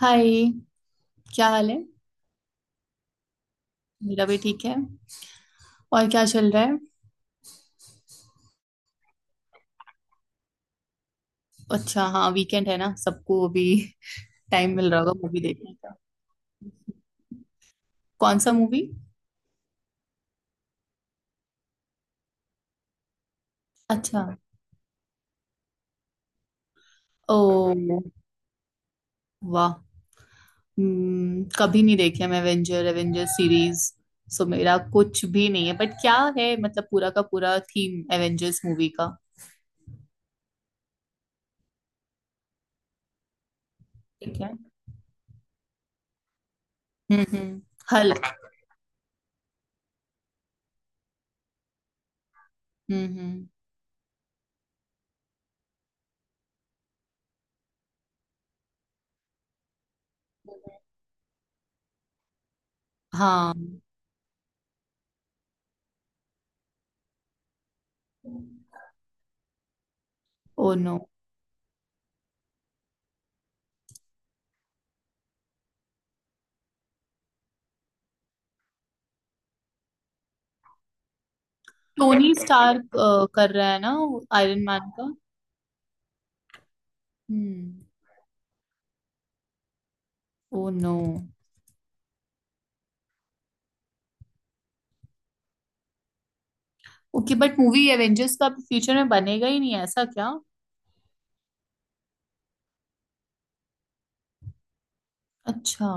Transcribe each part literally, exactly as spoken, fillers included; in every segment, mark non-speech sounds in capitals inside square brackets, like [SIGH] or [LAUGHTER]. हाय। क्या हाल है? मेरा भी ठीक है। और क्या चल रहा है? अच्छा, हाँ वीकेंड है ना सबको अभी। [LAUGHS] टाइम मिल रहा होगा मूवी देखने का। कौन सा मूवी? अच्छा। ओ, वाह। हम्म, कभी नहीं देखी है मैं एवेंजर एवेंजर सीरीज। सो मेरा कुछ भी नहीं है, बट क्या है मतलब, पूरा का पूरा थीम एवेंजर्स मूवी का। ठीक है। हम्म, हम्म। हल्क। हम्म, हम्म। हाँ। Oh no. टोनी स्टार्क अ, कर रहा है ना? आयरन मैन का। हम्म। Oh no. Okay, but movie Avengers का फ्यूचर में बनेगा ही नहीं है, ऐसा क्या? अच्छा।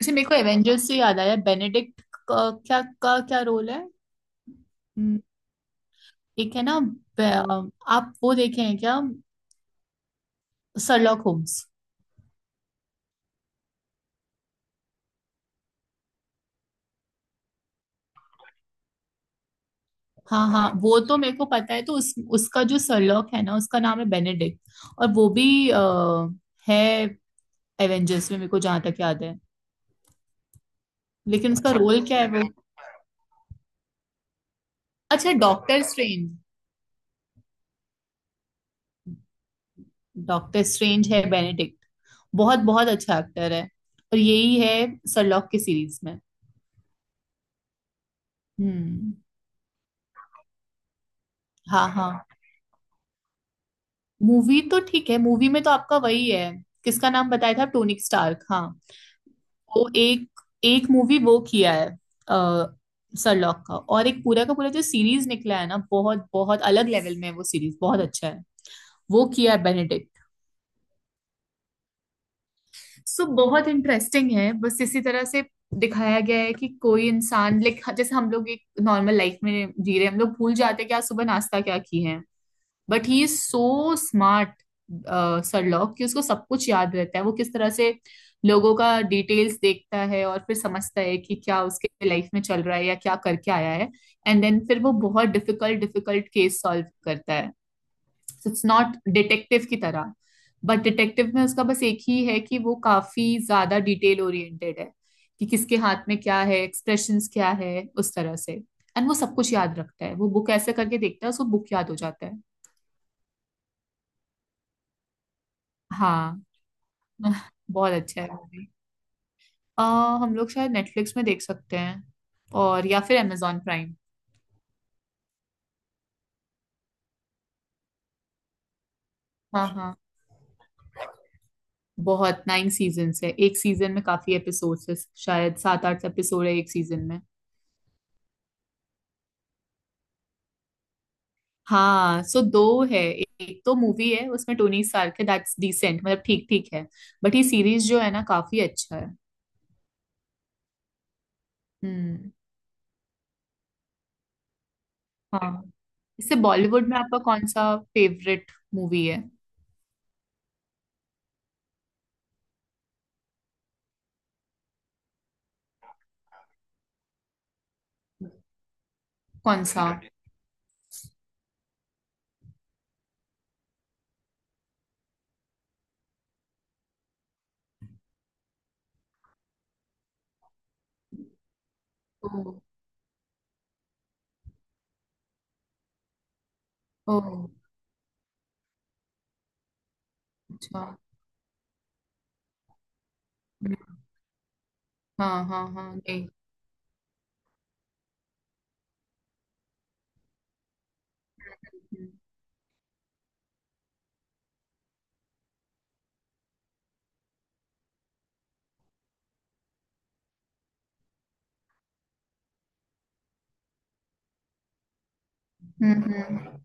अच्छा, मेरे को एवेंजर्स से याद आया बेनेडिक्ट का क्या का क्या रोल है? हम्म, एक है ना ब- अम, आप वो देखे हैं क्या? Sherlock Holmes. हाँ हाँ, वो तो मेरे को पता है तो उस उसका जो सरलॉक है ना उसका नाम है बेनेडिक्ट। और वो भी अ, है एवेंजर्स में, मेरे को जहाँ तक याद है। लेकिन उसका अच्छा रोल क्या है वो? अच्छा, डॉक्टर स्ट्रेंज। डॉक्टर स्ट्रेंज है बेनेडिक्ट। बहुत बहुत अच्छा एक्टर है और यही है सरलॉक के सीरीज में। हम्म। हाँ हाँ, मूवी तो ठीक है। मूवी में तो आपका वही है, किसका नाम बताया था, टोनिक स्टार्क, हाँ। वो एक एक मूवी वो किया है। आ, सरलॉक का, और एक पूरा का पूरा जो सीरीज निकला है ना, बहुत बहुत अलग लेवल में है वो सीरीज, बहुत अच्छा है। वो किया है। सो बहुत इंटरेस्टिंग है, बस इसी तरह से दिखाया गया है कि कोई इंसान लाइक जैसे हम लोग एक नॉर्मल लाइफ में जी रहे हैं, हम लोग भूल जाते हैं कि आज सुबह नाश्ता क्या की है। But he is so smart Sherlock, कि उसको सब कुछ याद रहता है। वो किस तरह से लोगों का डिटेल्स देखता है और फिर समझता है कि क्या उसके लाइफ में चल रहा है या क्या करके आया है। एंड देन फिर वो बहुत डिफिकल्ट डिफिकल्ट केस सॉल्व करता है। इट्स नॉट डिटेक्टिव की तरह। बट डिटेक्टिव में उसका बस एक ही है कि वो काफी ज्यादा डिटेल ओरिएंटेड है, कि किसके हाथ में क्या है, एक्सप्रेशंस क्या है, उस तरह से। एंड वो सब कुछ याद रखता है, वो बुक ऐसे करके देखता है, उसको बुक याद हो जाता है। हाँ। [LAUGHS] बहुत अच्छा है वो भी। अ, हम लोग शायद नेटफ्लिक्स में देख सकते हैं, और या फिर amazon प्राइम। हाँ हाँ, बहुत नाइन सीजन्स है, एक सीजन में काफी एपिसोड्स है। शायद सात आठ एपिसोड है एक सीजन में। हाँ, सो दो है, एक तो मूवी है उसमें टोनी स्टार्क है, दैट्स डिसेंट मतलब ठीक ठीक है। बट ये सीरीज जो है ना काफी अच्छा है। हम्म। हाँ। इससे बॉलीवुड में आपका कौन सा फेवरेट मूवी है? कौन सा? ओ। ओ। अच्छा। हाँ हाँ हाँ, नहीं। हम्म, हम्म।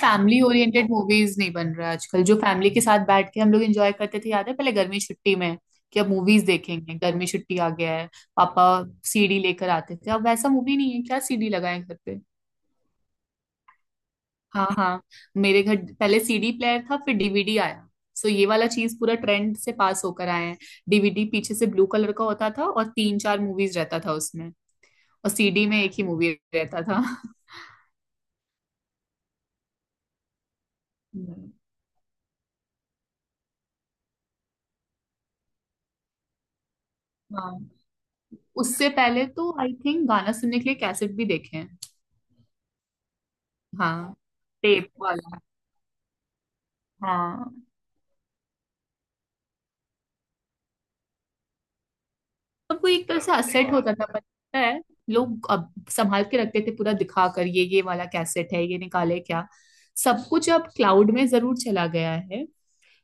फैमिली ओरिएंटेड मूवीज नहीं बन रहा है आजकल, जो फैमिली के साथ बैठ के हम लोग एंजॉय करते थे, याद है पहले गर्मी छुट्टी में? कि अब मूवीज देखेंगे, गर्मी छुट्टी आ गया है। पापा सी डी लेकर आते थे, अब वैसा मूवी नहीं है क्या, सी डी लगाए घर पे? हाँ हाँ, मेरे घर पहले सी डी प्लेयर था, फिर डी वी डी आया। सो ये वाला चीज पूरा ट्रेंड से पास होकर आए हैं। डी वी डी पीछे से ब्लू कलर का होता था, और तीन चार मूवीज रहता था उसमें। और सी डी में एक ही मूवी रहता था। [LAUGHS] हम्म, हाँ। उससे पहले तो आई थिंक गाना सुनने के लिए कैसेट भी देखे हैं। हाँ, टेप वाला। हाँ। अब वो एक तरह से असेट हो जाता, पता है? लोग अब संभाल के रखते थे, पूरा दिखा कर, ये ये वाला कैसेट है, ये निकाले क्या? सब कुछ अब क्लाउड में जरूर चला गया है।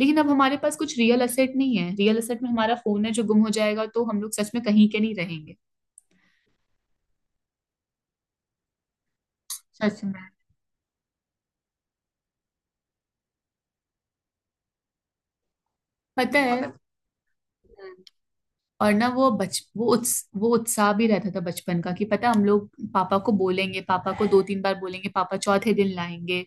लेकिन अब हमारे पास कुछ रियल असेट नहीं है, रियल असेट में हमारा फोन है, जो गुम हो जाएगा तो हम लोग सच में कहीं के नहीं रहेंगे। सच में। पता है। हम्म। और ना वो बच वो उत्स, वो उत्साह भी रहता था बचपन का, कि पता है, हम लोग पापा को बोलेंगे, पापा को दो तीन बार बोलेंगे, पापा चौथे दिन लाएंगे।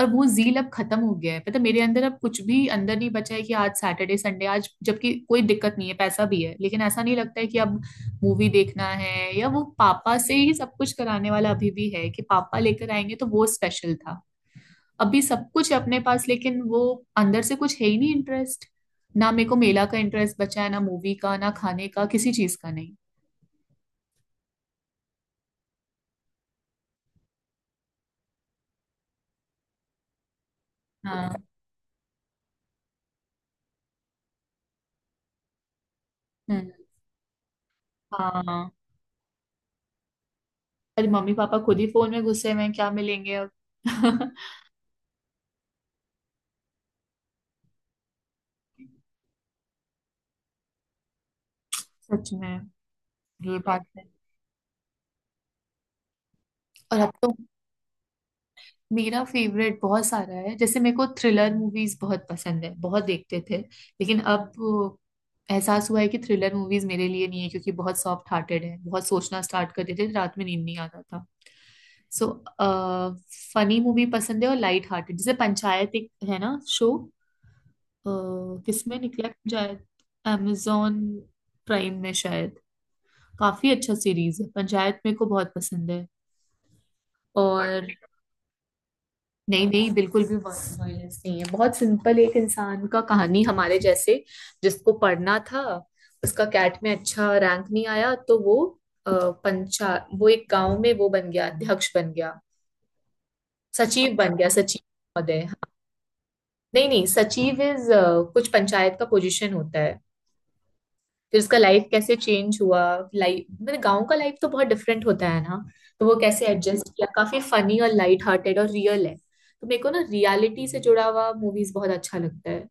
और वो जील अब खत्म हो गया है, पता है, मेरे अंदर अब कुछ भी अंदर नहीं बचा है कि आज सैटरडे संडे आज जबकि कोई दिक्कत नहीं है, पैसा भी है लेकिन ऐसा नहीं लगता है कि अब मूवी देखना है। या वो पापा से ही सब कुछ कराने वाला अभी भी है, कि पापा लेकर आएंगे तो वो स्पेशल था। अभी सब कुछ है अपने पास, लेकिन वो अंदर से कुछ है ही नहीं, इंटरेस्ट। ना मेरे को मेला का इंटरेस्ट बचा है, ना मूवी का, ना खाने का, किसी चीज का नहीं। हाँ, हम्म, हाँ। अरे मम्मी पापा खुद ही फोन में घुसे हुए हैं, क्या मिलेंगे अब? [LAUGHS] सच में। ये बात। और अब तो मेरा फेवरेट बहुत सारा है, जैसे मेरे को थ्रिलर मूवीज बहुत पसंद है, बहुत देखते थे। लेकिन अब अ, एहसास हुआ है कि थ्रिलर मूवीज मेरे लिए नहीं है, क्योंकि बहुत सॉफ्ट हार्टेड है, बहुत सोचना स्टार्ट कर देते थे, रात में नींद नहीं आता था। सो फनी मूवी पसंद है और लाइट हार्टेड, जैसे पंचायत एक है ना शो। किसमें निकला है पंचायत? amazon प्राइम में शायद। काफी अच्छा सीरीज है पंचायत, मेरे को बहुत पसंद है। और नहीं नहीं, बिल्कुल भी वायलेंस नहीं है, बहुत सिंपल एक इंसान का कहानी हमारे जैसे। जिसको पढ़ना था, उसका कैट में अच्छा रैंक नहीं आया, तो वो अ, पंचा वो एक गांव में, वो बन गया अध्यक्ष, बन गया सचिव, बन गया सचिव महोदय, हाँ। नहीं नहीं, सचिव इज कुछ पंचायत का पोजीशन होता है। फिर उसका लाइफ कैसे चेंज हुआ, लाइफ मतलब गांव का लाइफ तो बहुत डिफरेंट होता है ना। तो वो कैसे एडजस्ट किया, काफी फनी और लाइट हार्टेड और रियल है, तो मेरे को ना रियलिटी से जुड़ा हुआ मूवीज बहुत अच्छा लगता है।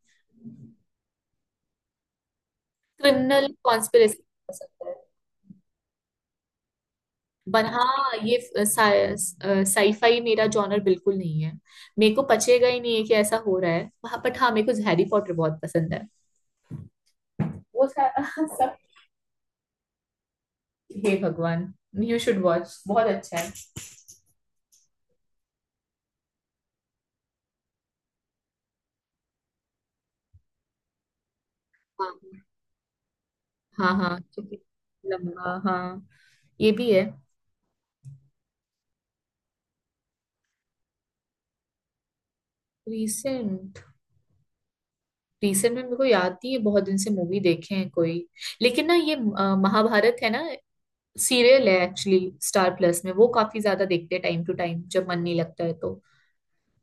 क्रिमिनल कॉन्स्पिरेसी हो सकता है। बट हाँ ये साईफाई मेरा जॉनर बिल्कुल नहीं है, मेरे को पचेगा ही नहीं है कि ऐसा हो रहा है, हाँ। बट हाँ मेरे को हैरी पॉटर बहुत पसंद है। वो सा- [LAUGHS] सब, हे भगवान, यू शुड वॉच, बहुत अच्छा है। हाँ हाँ क्योंकि लंबा, हाँ ये भी है। रिसेंट। रिसेंट में मेरे को याद नहीं है, बहुत दिन से मूवी देखे हैं कोई। लेकिन ना ये अ, महाभारत है ना, सीरियल है एक्चुअली, स्टार प्लस में वो काफी ज्यादा देखते हैं टाइम टू टाइम जब मन नहीं लगता है तो।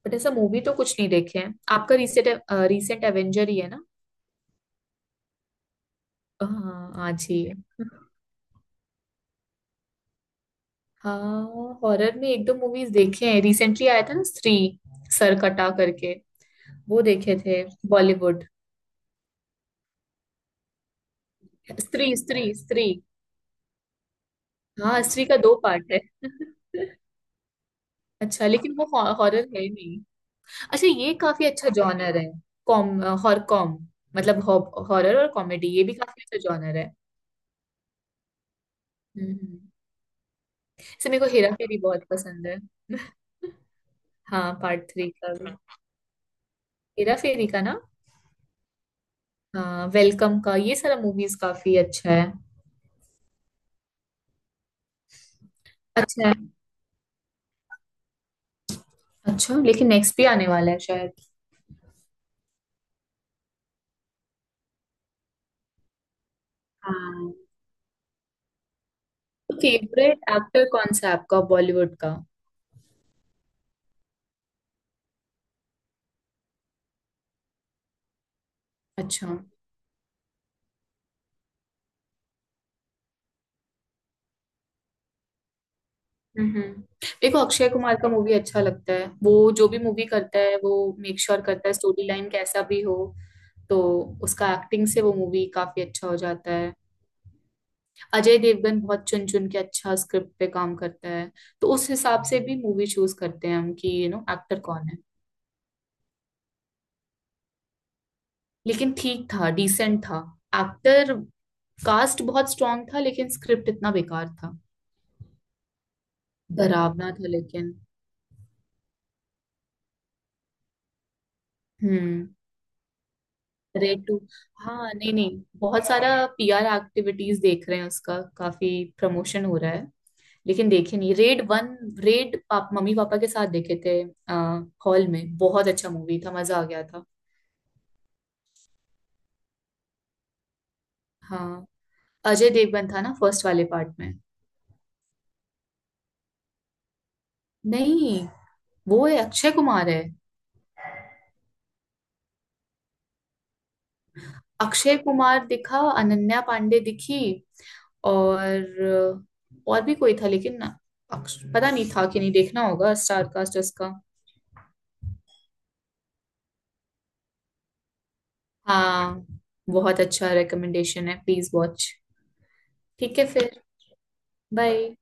बट ऐसा मूवी तो कुछ नहीं देखे हैं आपका, रिसेंट रिसेंट एवेंजर ही है ना। हाँ, आज ही है। हाँ, हॉरर में एक दो मूवीज देखे हैं, रिसेंटली आया था ना स्त्री, सरकटा करके, वो देखे थे। बॉलीवुड। स्त्री, स्त्री, स्त्री। हाँ, स्त्री का दो पार्ट है। [LAUGHS] अच्छा लेकिन वो हॉरर है ही नहीं। अच्छा, ये काफी अच्छा जॉनर है। कॉम हॉर कॉम मतलब हॉरर और कॉमेडी, ये भी काफी अच्छा जॉनर है। हम्म। से मेरे को हेरा फेरी बहुत पसंद है। [LAUGHS] हाँ, पार्ट थ्री का भी, हेरा फेरी का ना। हाँ, वेलकम का ये सारा मूवीज काफी अच्छा है। अच्छा है। अच्छा, लेकिन नेक्स्ट भी आने वाला है शायद। हाँ, तो फेवरेट एक्टर कौन सा है आपका बॉलीवुड का? अच्छा। हम्म, मेरे को अक्षय कुमार का मूवी अच्छा लगता है, वो जो भी मूवी करता है, वो मेक श्योर करता है स्टोरी लाइन कैसा भी हो। तो उसका एक्टिंग से वो मूवी काफी अच्छा हो जाता है। अजय देवगन बहुत चुन चुन के अच्छा स्क्रिप्ट पे काम करता है। तो उस हिसाब से भी मूवी चूज करते हैं हम, कि यू नो एक्टर कौन है। लेकिन ठीक था, डिसेंट था। एक्टर कास्ट बहुत स्ट्रांग था, लेकिन स्क्रिप्ट इतना बेकार था। डरावना था लेकिन। हम्म। Raid two. हाँ, नहीं नहीं, बहुत सारा पी आर एक्टिविटीज देख रहे हैं उसका, काफी प्रमोशन हो रहा है। लेकिन देखे नहीं रेड वन। रेड पाप, मम्मी पापा के साथ देखे थे, हॉल में बहुत अच्छा मूवी था, मजा आ गया था। हाँ, अजय देवगन था ना फर्स्ट वाले पार्ट में। नहीं, वो है अक्षय कुमार है। अक्षय कुमार दिखा, अनन्या पांडे दिखी, और और भी कोई था, लेकिन अक्ष- पता नहीं था कि नहीं देखना होगा स्टार कास्ट उसका। हाँ, बहुत अच्छा रिकमेंडेशन है, प्लीज वॉच। ठीक है फिर। बाय।